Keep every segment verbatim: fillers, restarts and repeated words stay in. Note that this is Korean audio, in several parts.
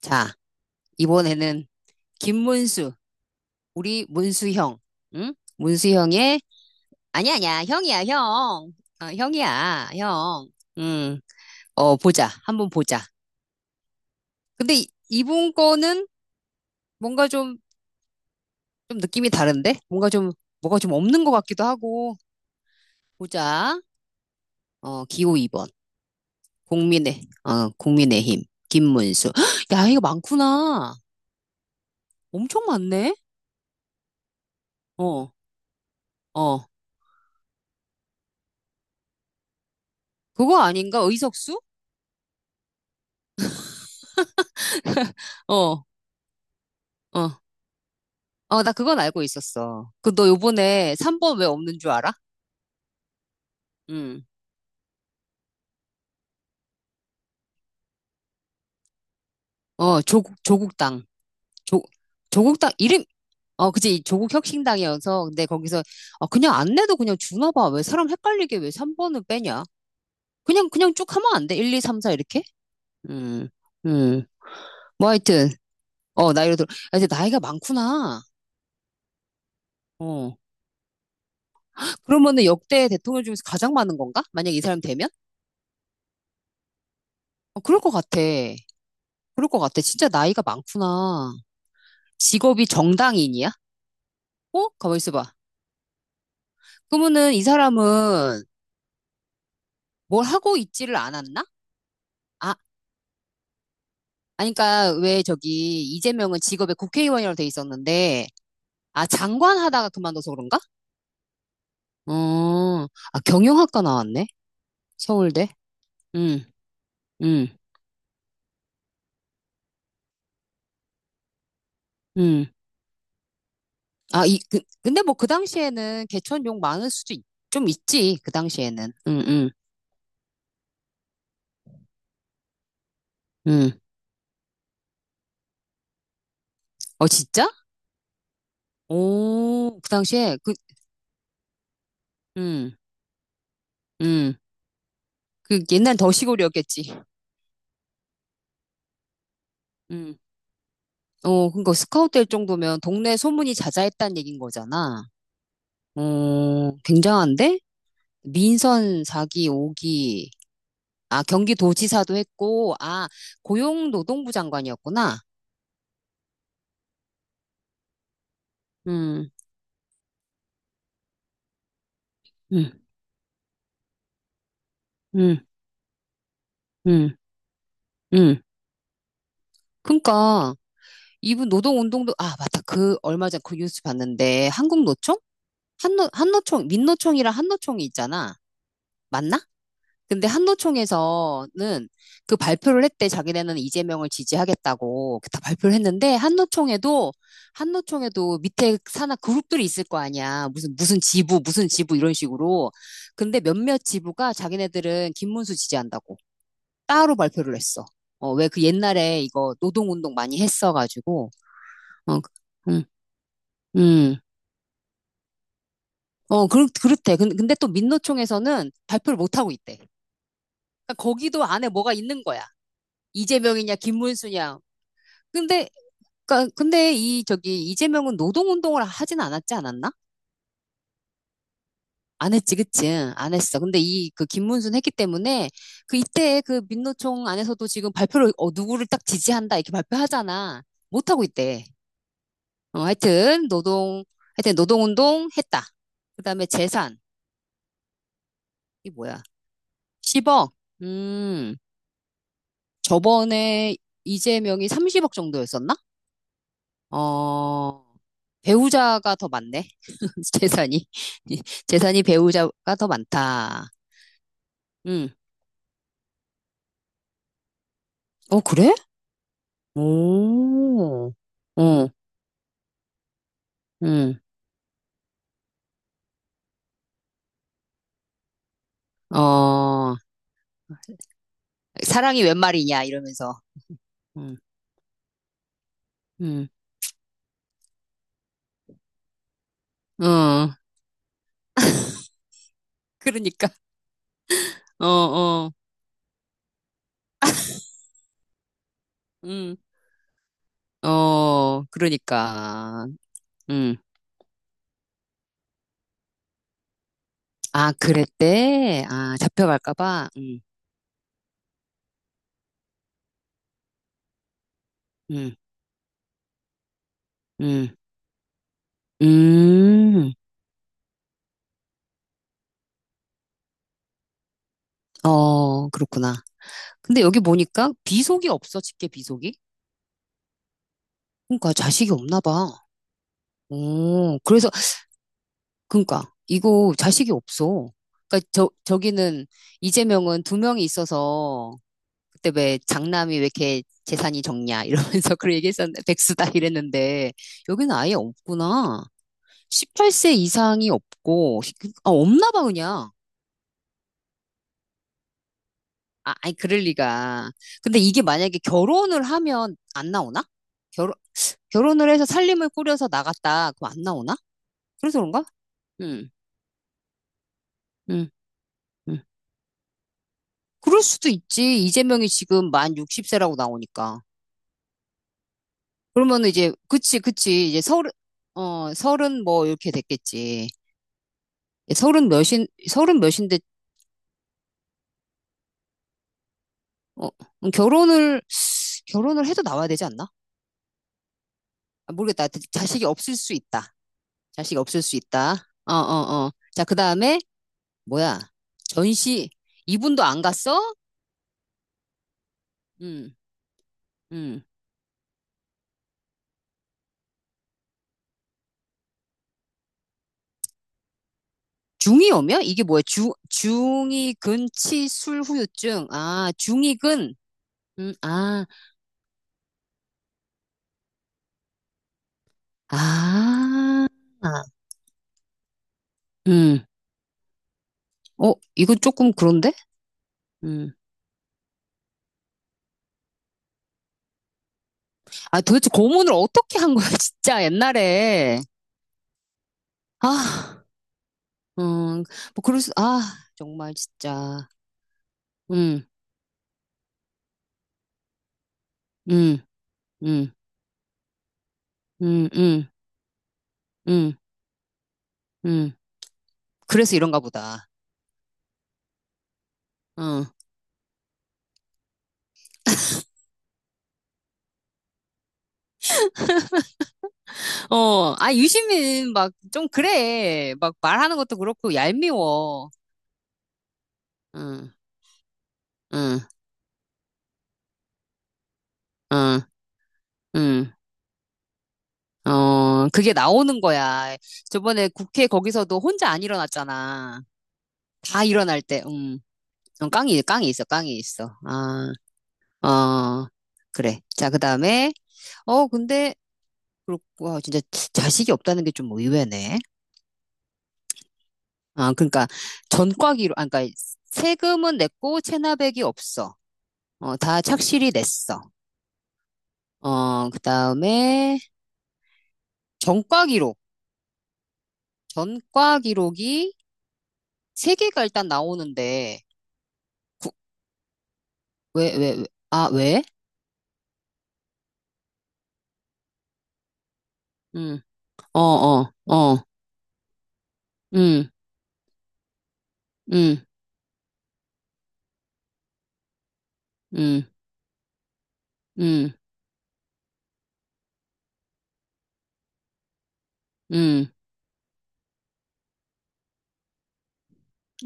자, 이번에는 김문수, 우리 문수 형, 응? 문수 형의 아니 야 아니야, 형이야, 형, 어, 형이야, 형, 음, 어 보자, 한번 보자. 근데 이- 이분 거는 뭔가 좀 좀 느낌이 다른데, 뭔가 좀 뭐가 좀 없는 것 같기도 하고 보자. 어 기호 이 번 국민의 어 국민의힘 김문수. 야, 이거 많구나, 엄청 많네. 어, 어, 그거 아닌가? 의석수? 어, 어. 어, 나 그건 알고 있었어. 그 너 요번에 삼 번 왜 없는 줄 알아? 응. 어, 조국, 조국당. 조, 조국당, 이름, 어, 그치. 조국 혁신당이어서. 근데 거기서, 아, 그냥 안 내도 그냥 주나 봐. 왜 사람 헷갈리게 왜 삼 번을 빼냐? 그냥, 그냥 쭉 하면 안 돼. 하나, 이, 삼, 사 이렇게? 음, 음. 뭐 하여튼, 어, 나이로 들어. 아, 이제 나이가 많구나. 어. 그러면은 역대 대통령 중에서 가장 많은 건가? 만약 이 사람 되면? 어, 그럴 것 같아. 그럴 것 같아. 진짜 나이가 많구나. 직업이 정당인이야? 어? 가만 있어봐. 그러면은 이 사람은 뭘 하고 있지를 않았나? 아, 아니, 그니까 왜 저기 이재명은 직업에 국회의원이라고 돼 있었는데, 아, 장관 하다가 그만둬서 그런가? 어, 아, 경영학과 나왔네? 서울대? 응, 응, 응. 아, 이, 그, 근데 뭐 그 당시에는 개천 욕 많을 수도 있- 좀 있지, 그 당시에는. 응, 응, 응. 어, 진짜? 오, 그 당시에, 그, 응, 응. 그 옛날 더 시골이었겠지. 응. 어, 그러니까 스카우트 될 정도면 동네 소문이 자자했다는 얘긴 거잖아. 어, 굉장한데? 민선 사 기, 오 기. 아, 경기도지사도 했고, 아, 고용노동부 장관이었구나. 음, 음, 음, 음, 음. 그러니까 이분 노동운동도, 아, 맞다. 그 얼마 전 그 뉴스 봤는데, 한국노총? 한노, 한노총, 민노총이랑 한노총이 있잖아. 맞나? 근데 한노총에서는 그 발표를 했대. 자기네는 이재명을 지지하겠다고 다 발표를 했는데, 한노총에도 한노총에도 밑에 산하 그룹들이 있을 거 아니야. 무슨 무슨 지부, 무슨 지부 이런 식으로. 근데 몇몇 지부가 자기네들은 김문수 지지한다고 따로 발표를 했어. 어, 왜 그 옛날에 이거 노동운동 많이 했어가지고. 어, 그- 음, 음. 어, 그렇, 그렇대. 근- 근데 또 민노총에서는 발표를 못하고 있대. 그러니까 거기도 안에 뭐가 있는 거야. 이재명이냐, 김문수냐, 근데, 그러니까 근데 이 저기 이재명은 노동운동을 하진 않았지 않았나? 안 했지, 그치? 안 했어. 근데 이 그 김문순 했기 때문에 그 이때 그 민노총 안에서도 지금 발표를 어, 누구를 딱 지지한다 이렇게 발표하잖아. 못 하고 있대. 어, 하여튼 노동 하여튼 노동운동 했다. 그다음에 재산. 이 뭐야? 십억. 음, 저번에 이재명이 삼십억 정도였었나? 어, 배우자가 더 많네. 재산이. 재산이 배우자가 더 많다. 응. 어, 그래? 오, 응, 응, 어, 사랑이 웬 말이냐, 이러면서. 응, 응, 어, 그러니까. 어, 어, 응, 어, 그러니까. 응. 아, 그랬대? 아, 잡혀갈까봐? 응, 응, 응, 음, 어, 그렇구나. 근데 여기 보니까 비속이 없어, 직계 비속이. 그러니까 자식이 없나 봐. 오, 그래서 그러니까 이거 자식이 없어. 그러니까 저 저기는 이재명은 두 명이 있어서 그때 왜 장남이 왜 이렇게 재산이 적냐 이러면서 그런 얘기했었는데 백수다 이랬는데, 여기는 아예 없구나. 십팔 세 이상이 없고, 아, 없나 봐 그냥. 아, 아니 그럴 리가. 근데 이게 만약에 결혼을 하면 안 나오나? 결 결혼을 해서 살림을 꾸려서 나갔다. 그럼 안 나오나? 그래서 그런가? 응, 응, 응. 그럴 수도 있지. 이재명이 지금 만 육십 세라고 나오니까. 그러면 이제, 그치, 그치. 이제 서른, 어, 서른 뭐 이렇게 됐겠지. 서른 몇인, 서른 몇인데, 어, 음, 결혼을, 결혼을 해도 나와야 되지 않나? 아, 모르겠다. 자- 자식이 없을 수 있다. 자식이 없을 수 있다. 어, 어, 어. 자, 그 다음에, 뭐야. 전시, 이분도 안 갔어? 응, 응. 중이 오면? 이게 뭐야? 중, 중이근치술 후유증. 아, 중이근. 음, 아, 아, 음. 어, 이거 조금 그런데? 음. 아, 도대체 고문을 어떻게 한 거야, 진짜, 옛날에. 아, 음, 뭐, 그럴 수, 아, 정말, 진짜. 음, 음, 음, 음, 음, 음, 음. 그래서 이런가 보다. 어. 어, 아, 유시민, 막, 좀 그래. 막, 말하는 것도 그렇고, 얄미워. 음. 응, 응, 응. 어, 그게 나오는 거야. 저번에 국회 거기서도 혼자 안 일어났잖아. 다 일어날 때, 음, 어, 깡이, 깡이 있어, 깡이 있어. 아, 어, 그래. 자, 그 다음에, 어, 근데, 그렇고, 와, 진짜 자식이 없다는 게 좀 의외네. 아, 그러니까, 전과기로, 아, 그러니까, 세금은 냈고, 체납액이 없어. 어, 다 착실히 냈어. 어, 그 다음에, 전과기록. 전과기록이 세 개가 일단 나오는데, 구- 왜, 왜, 왜, 아, 왜? 음, 어, 어, 어, 음, 음, 음, 음, 음,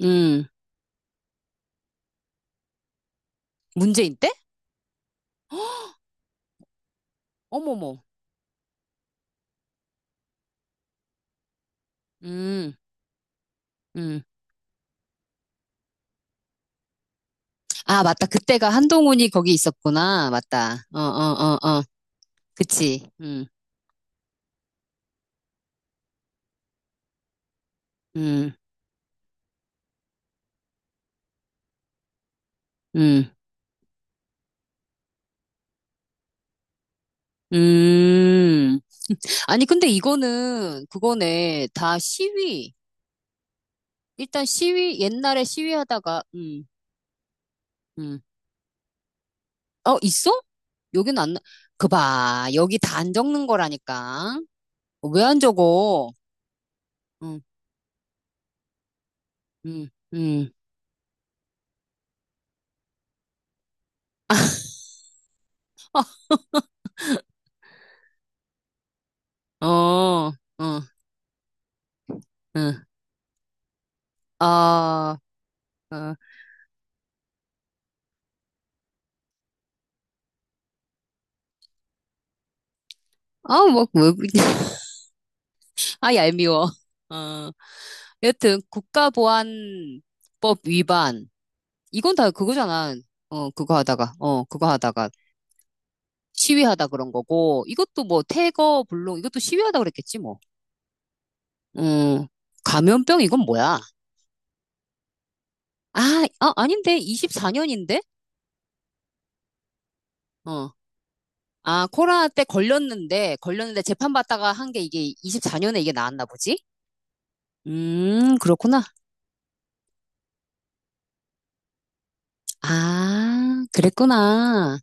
음. 문재인 때? 어머머, 음, 음. 아, 맞다. 그때가 한동훈이 거기 있었구나. 맞다. 어, 어, 어, 어. 그치. 음, 음, 음, 음. 아니, 근데 이거는, 그거네. 다 시위. 일단 시위, 옛날에 시위하다가, 음, 음. 어, 있어? 여기는 안, 나- 그 봐. 여기 다 안 적는 거라니까. 왜 안 적어? 응, 응, 응. 어, 어, 응. 아, 어, 아, 뭐, 뭐 아, 얄미워. 어. 여튼, 국가보안법 위반. 이건 다 그거잖아. 어, 그거 하다가, 어, 그거 하다가 시위하다 그런 거고, 이것도 뭐, 태거, 불농, 이것도 시위하다 그랬겠지, 뭐. 음, 감염병, 이건 뭐야? 아, 아, 아닌데, 이십사 년인데? 어. 아, 코로나 때 걸렸는데, 걸렸는데 재판받다가 한 게 이게 이십사 년에 이게 나왔나 보지? 음, 그렇구나. 아, 그랬구나.